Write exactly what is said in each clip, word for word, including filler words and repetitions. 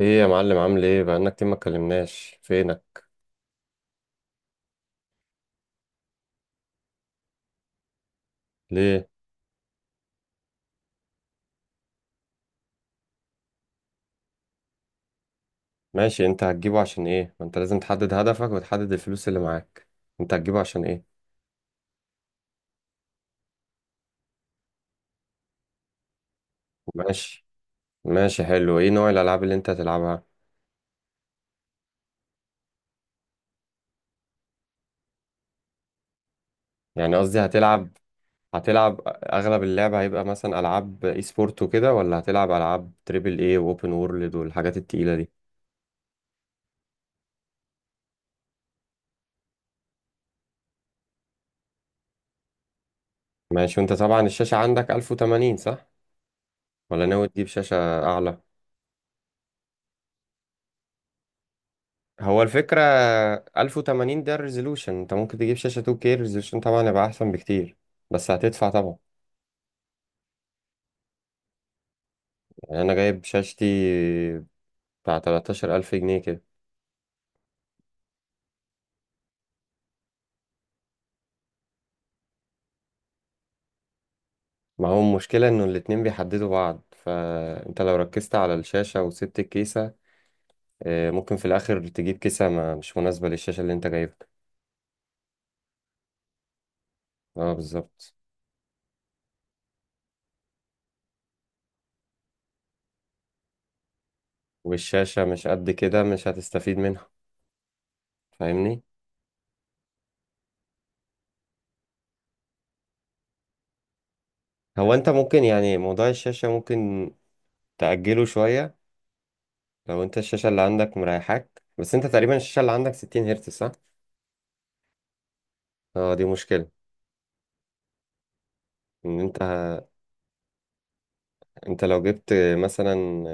ايه يا معلم، عامل ايه؟ بقالنا كتير ما اتكلمناش، فينك؟ ليه؟ ماشي، انت هتجيبه عشان ايه؟ ما انت لازم تحدد هدفك وتحدد الفلوس اللي معاك. انت هتجيبه عشان ايه؟ ماشي. ماشي حلو. ايه نوع الالعاب اللي انت هتلعبها؟ يعني قصدي هتلعب، هتلعب اغلب اللعبة هيبقى مثلا العاب اي سبورت وكده، ولا هتلعب العاب تريبل اي واوبن وورلد والحاجات التقيلة دي؟ ماشي. وانت طبعا الشاشة عندك ألف وثمانين، صح؟ ولا ناوي تجيب شاشة اعلى؟ هو الفكرة، ألف وثمانين ده الريزولوشن. انت ممكن تجيب شاشة تو كيه، الريزولوشن طبعا يبقى أحسن بكتير، بس هتدفع طبعا. يعني أنا جايب شاشتي بتاع تلتاشر ألف جنيه كده. ما هو المشكلة إنه الاتنين بيحددوا بعض، فأنت لو ركزت على الشاشة وسبت الكيسة، آه، ممكن في الآخر تجيب كيسة ما مش مناسبة للشاشة اللي أنت جايبها. اه بالظبط. والشاشة مش قد كده، مش هتستفيد منها. فاهمني؟ هو أنت ممكن يعني موضوع الشاشة ممكن تأجله شوية. لو انت الشاشة اللي عندك مريحاك، بس انت تقريبا الشاشة اللي عندك ستين هرتز، صح؟ اه، دي مشكلة. ان انت انت لو جبت مثلا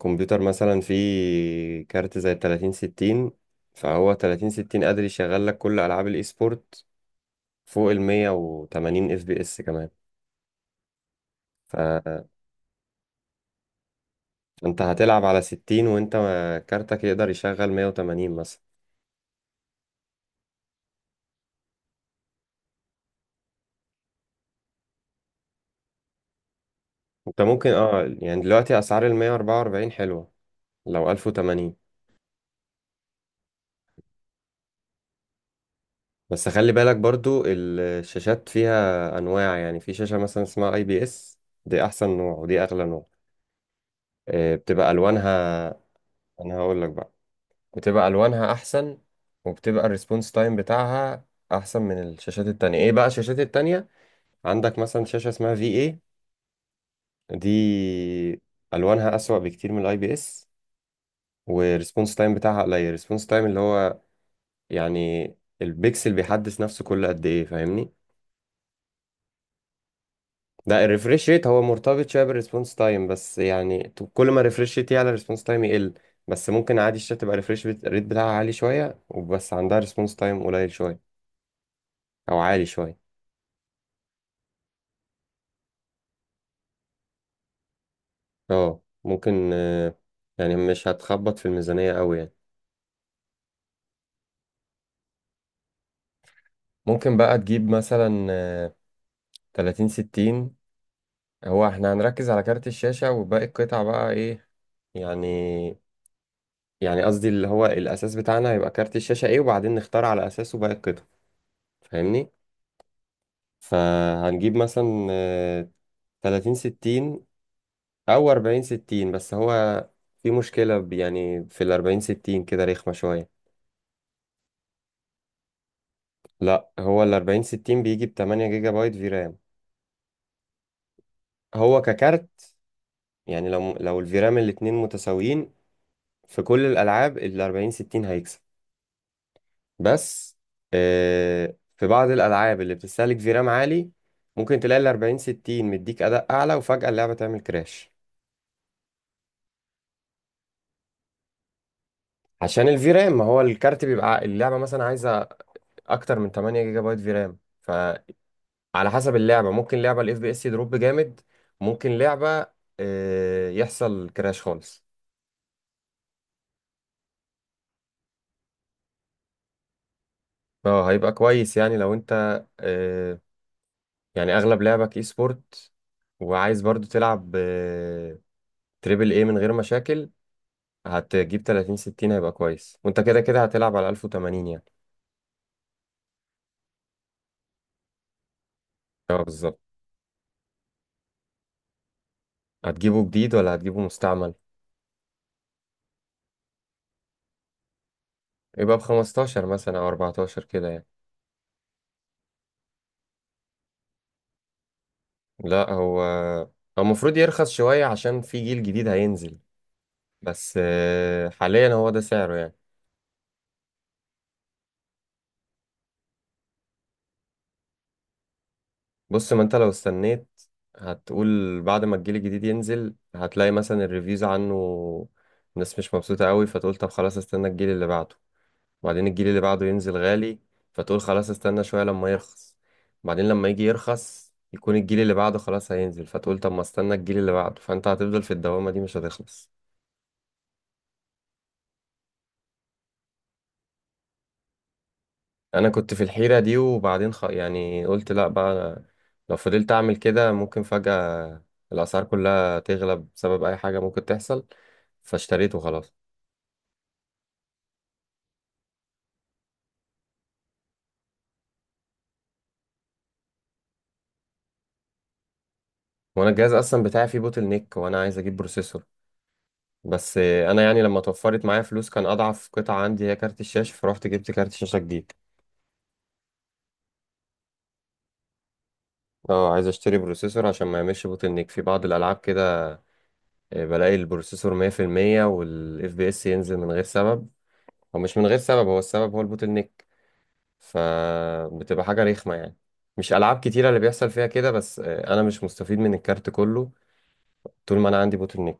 كمبيوتر مثلا فيه كارت زي تلاتين ستين، فهو تلاتين ستين قادر يشغل لك كل العاب الاي سبورت فوق ال ميه وتمانين اف بي اس كمان. فانت هتلعب على ستين وانت كارتك يقدر يشغل ميه وتمانين مثلا. انت ممكن اه يعني دلوقتي اسعار ال ميه واربعه واربعين حلوة لو ألف وثمانين. بس خلي بالك برضو الشاشات فيها انواع، يعني في شاشة مثلا اسمها اي بي اس، دي احسن نوع ودي اغلى نوع. آه، بتبقى الوانها، انا هقول لك بقى، بتبقى الوانها احسن وبتبقى الريسبونس تايم بتاعها احسن من الشاشات التانية. ايه بقى الشاشات التانية؟ عندك مثلا شاشة اسمها في اي دي، الوانها اسوأ بكتير من الاي بي اس، والريسبونس تايم بتاعها قليل. الريسبونس تايم اللي هو يعني البيكسل بيحدث نفسه كل قد ايه، فاهمني؟ ده الريفريش ريت هو مرتبط شويه بالريسبونس تايم، بس يعني ت- كل ما الريفريش ريت يعلى، الريسبونس تايم يقل. بس ممكن عادي الشات تبقى الريفريش ريت بتاعها عالي شويه، وبس عندها ريسبونس تايم قليل شويه او عالي شويه. اه ممكن. آه، يعني مش هتخبط في الميزانيه قوي يعني. ممكن بقى تجيب مثلا آه، تلاتين ستين. هو احنا هنركز على كارت الشاشه وباقي القطع بقى ايه؟ يعني يعني قصدي اللي هو الاساس بتاعنا هيبقى كارت الشاشه ايه، وبعدين نختار على اساسه باقي القطع، فاهمني؟ فهنجيب مثلا آه، تلاتين ستين أو أربعين ستين، بس هو في مشكلة ب- يعني في الأربعين ستين كده رخمة شوية. لا، هو الأربعين ستين بيجي بتمانية جيجا بايت في رام. هو ككارت، يعني لو لو الفيرام الاتنين متساويين، في كل الألعاب الأربعين ستين هيكسب. بس آه، في بعض الألعاب اللي بتستهلك فيرام عالي، ممكن تلاقي الأربعين ستين مديك أداء أعلى وفجأة اللعبة تعمل كراش. عشان الفي رام، ما هو الكارت بيبقى ع- اللعبة مثلا عايزة اكتر من تمنية جيجا بايت في رام، فعلى حسب اللعبة ممكن لعبة الاف بي اس يدروب جامد، ممكن لعبة آه، يحصل كراش خالص. اه، هيبقى كويس. يعني لو انت آه، يعني اغلب لعبك اي سبورت، وعايز برضو تلعب آه، تريبل اي من غير مشاكل، هتجيب تلاتين ستين هيبقى كويس، وانت كده كده هتلعب على ألف وثمانين يعني. اه بالظبط. هتجيبه جديد ولا هتجيبه مستعمل؟ يبقى ب خمستاشر مثلا او اربعتاشر كده يعني. لا، هو هو المفروض يرخص شوية عشان في جيل جديد هينزل، بس آه، حاليا هو ده سعره يعني. بص، ما انت لو استنيت، هتقول بعد ما الجيل الجديد ينزل هتلاقي مثلا الريفيوز عنه الناس مش مبسوطة قوي، فتقول طب خلاص استنى الجيل اللي بعده، وبعدين الجيل اللي بعده ينزل غالي فتقول خلاص استنى شوية لما يرخص، بعدين لما يجي يرخص يكون الجيل اللي بعده خلاص هينزل فتقول طب ما استنى الجيل اللي بعده، فانت هتفضل في الدوامة دي مش هتخلص. انا كنت في الحيرة دي، وبعدين خ... يعني قلت لا بقى، أنا لو فضلت اعمل كده ممكن فجأة الاسعار كلها تغلى بسبب اي حاجة ممكن تحصل، فاشتريته خلاص. وانا الجهاز اصلا بتاعي فيه بوتل نيك، وانا عايز اجيب بروسيسور، بس انا يعني لما توفرت معايا فلوس كان اضعف قطعة عندي هي كارت الشاشة، فروحت جبت كارت شاشة جديد. اه عايز اشتري بروسيسور عشان ما يعملش بوتل نيك في بعض الالعاب كده. آه، بلاقي البروسيسور ميه في الميه والاف بي اس ينزل من غير سبب. هو مش من غير سبب، هو السبب هو البوتل نيك. فبتبقى حاجة رخمة يعني. مش ألعاب كتيرة اللي بيحصل فيها كده، بس آه، أنا مش مستفيد من الكارت كله طول ما أنا عندي بوتل نيك.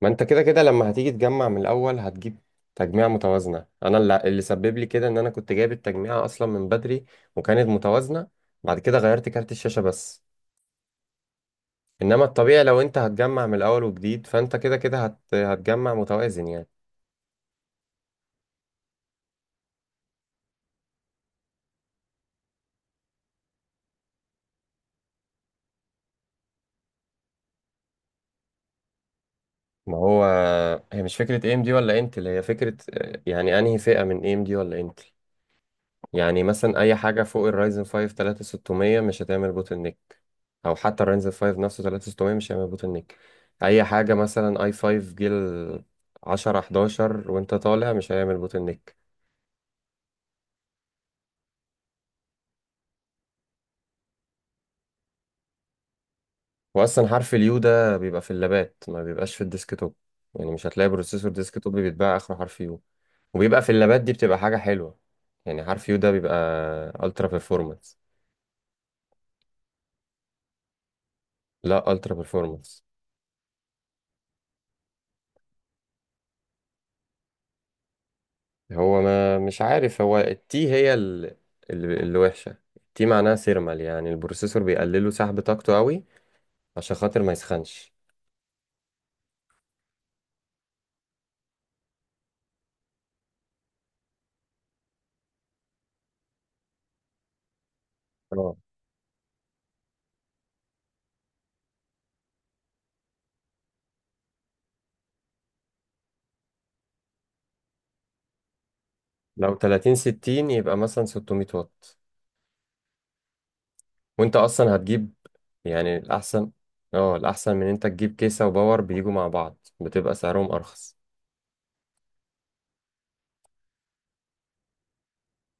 ما أنت كده كده لما هتيجي تجمع من الأول هتجيب تجميع متوازنة. أنا اللي اللي سبب لي كده إن أنا كنت جايب التجميعة أصلا من بدري وكانت متوازنة، بعد كده غيرت كارت الشاشة بس. إنما الطبيعي لو أنت هتجمع من الأول وجديد، فأنت كده كده هت... هتجمع متوازن يعني. ما هو هي مش فكرة ايه ام دي ولا انتل، هي فكرة آه، يعني أنهي فئة من ايه ام دي ولا انتل. يعني مثلا اي حاجه فوق الرايزن خمسة تلاتة وستين مش هتعمل بوتل نيك، او حتى الرايزن خمسة نفسه تلاتة وستين مش هيعمل بوتل نيك. اي حاجه مثلا اي خمسة جيل عشرة حداشر وانت طالع مش هيعمل بوتل نيك. واصلا حرف اليو ده بيبقى في اللابات، ما بيبقاش في الديسكتوب. يعني مش هتلاقي بروسيسور ديسكتوب بيتباع اخره حرف يو. وبيبقى في اللابات دي بتبقى حاجه حلوه، يعني حرف يو ده بيبقى الترا بيرفورمانس. لا، الترا بيرفورمانس. هو ما مش عارف، هو التي هي ال- ال- اللي وحشة. التي معناها سيرمال، يعني البروسيسور بيقللوا سحب طاقته قوي عشان خاطر ما يسخنش. اه، لو تلاتين ستين يبقى مثلا ستميه واط. وانت اصلا هتجيب، يعني الاحسن، اه الاحسن من انت تجيب كيسة وباور بيجوا مع بعض بتبقى سعرهم ارخص.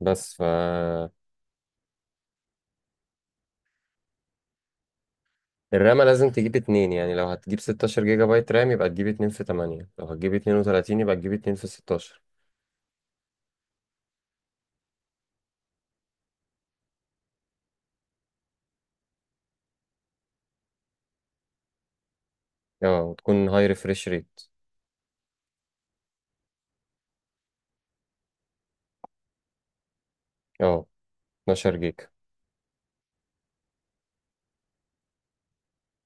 بس ف، الرامة لازم تجيب اتنين. يعني لو هتجيب ستاشر جيجا بايت رام يبقى تجيب اتنين في تمنية، لو هتجيب اتنين وتلاتين يبقى تجيب اتنين في ستاشر. اه وتكون هاي ريفريش ريت. اه، اتناشر جيجا،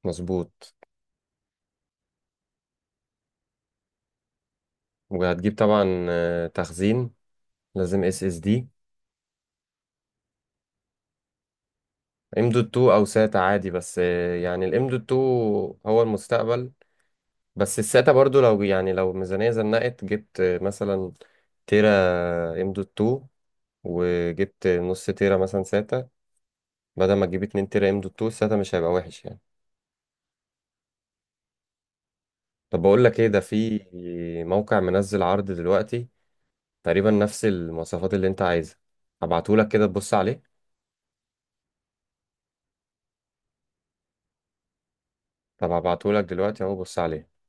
مظبوط. وهتجيب طبعا آه، تخزين، لازم اس اس دي. ام دوت اتنين او ساتا عادي، بس آه، يعني الام دوت اتنين هو المستقبل. بس الساتا برضو، لو يعني لو ميزانية زنقت، جبت آه، مثلا تيرا ام دوت اتنين وجبت نص تيرا مثلا ساتا بدل ما تجيب اتنين تيرا ام دوت اتنين، الساتا مش هيبقى وحش يعني. طب بقول لك ايه؟ ده في موقع منزل عرض دلوقتي تقريبا نفس المواصفات اللي انت عايزها، هبعتهولك كده تبص عليه. طب هبعتهولك دلوقتي اهو بص عليه.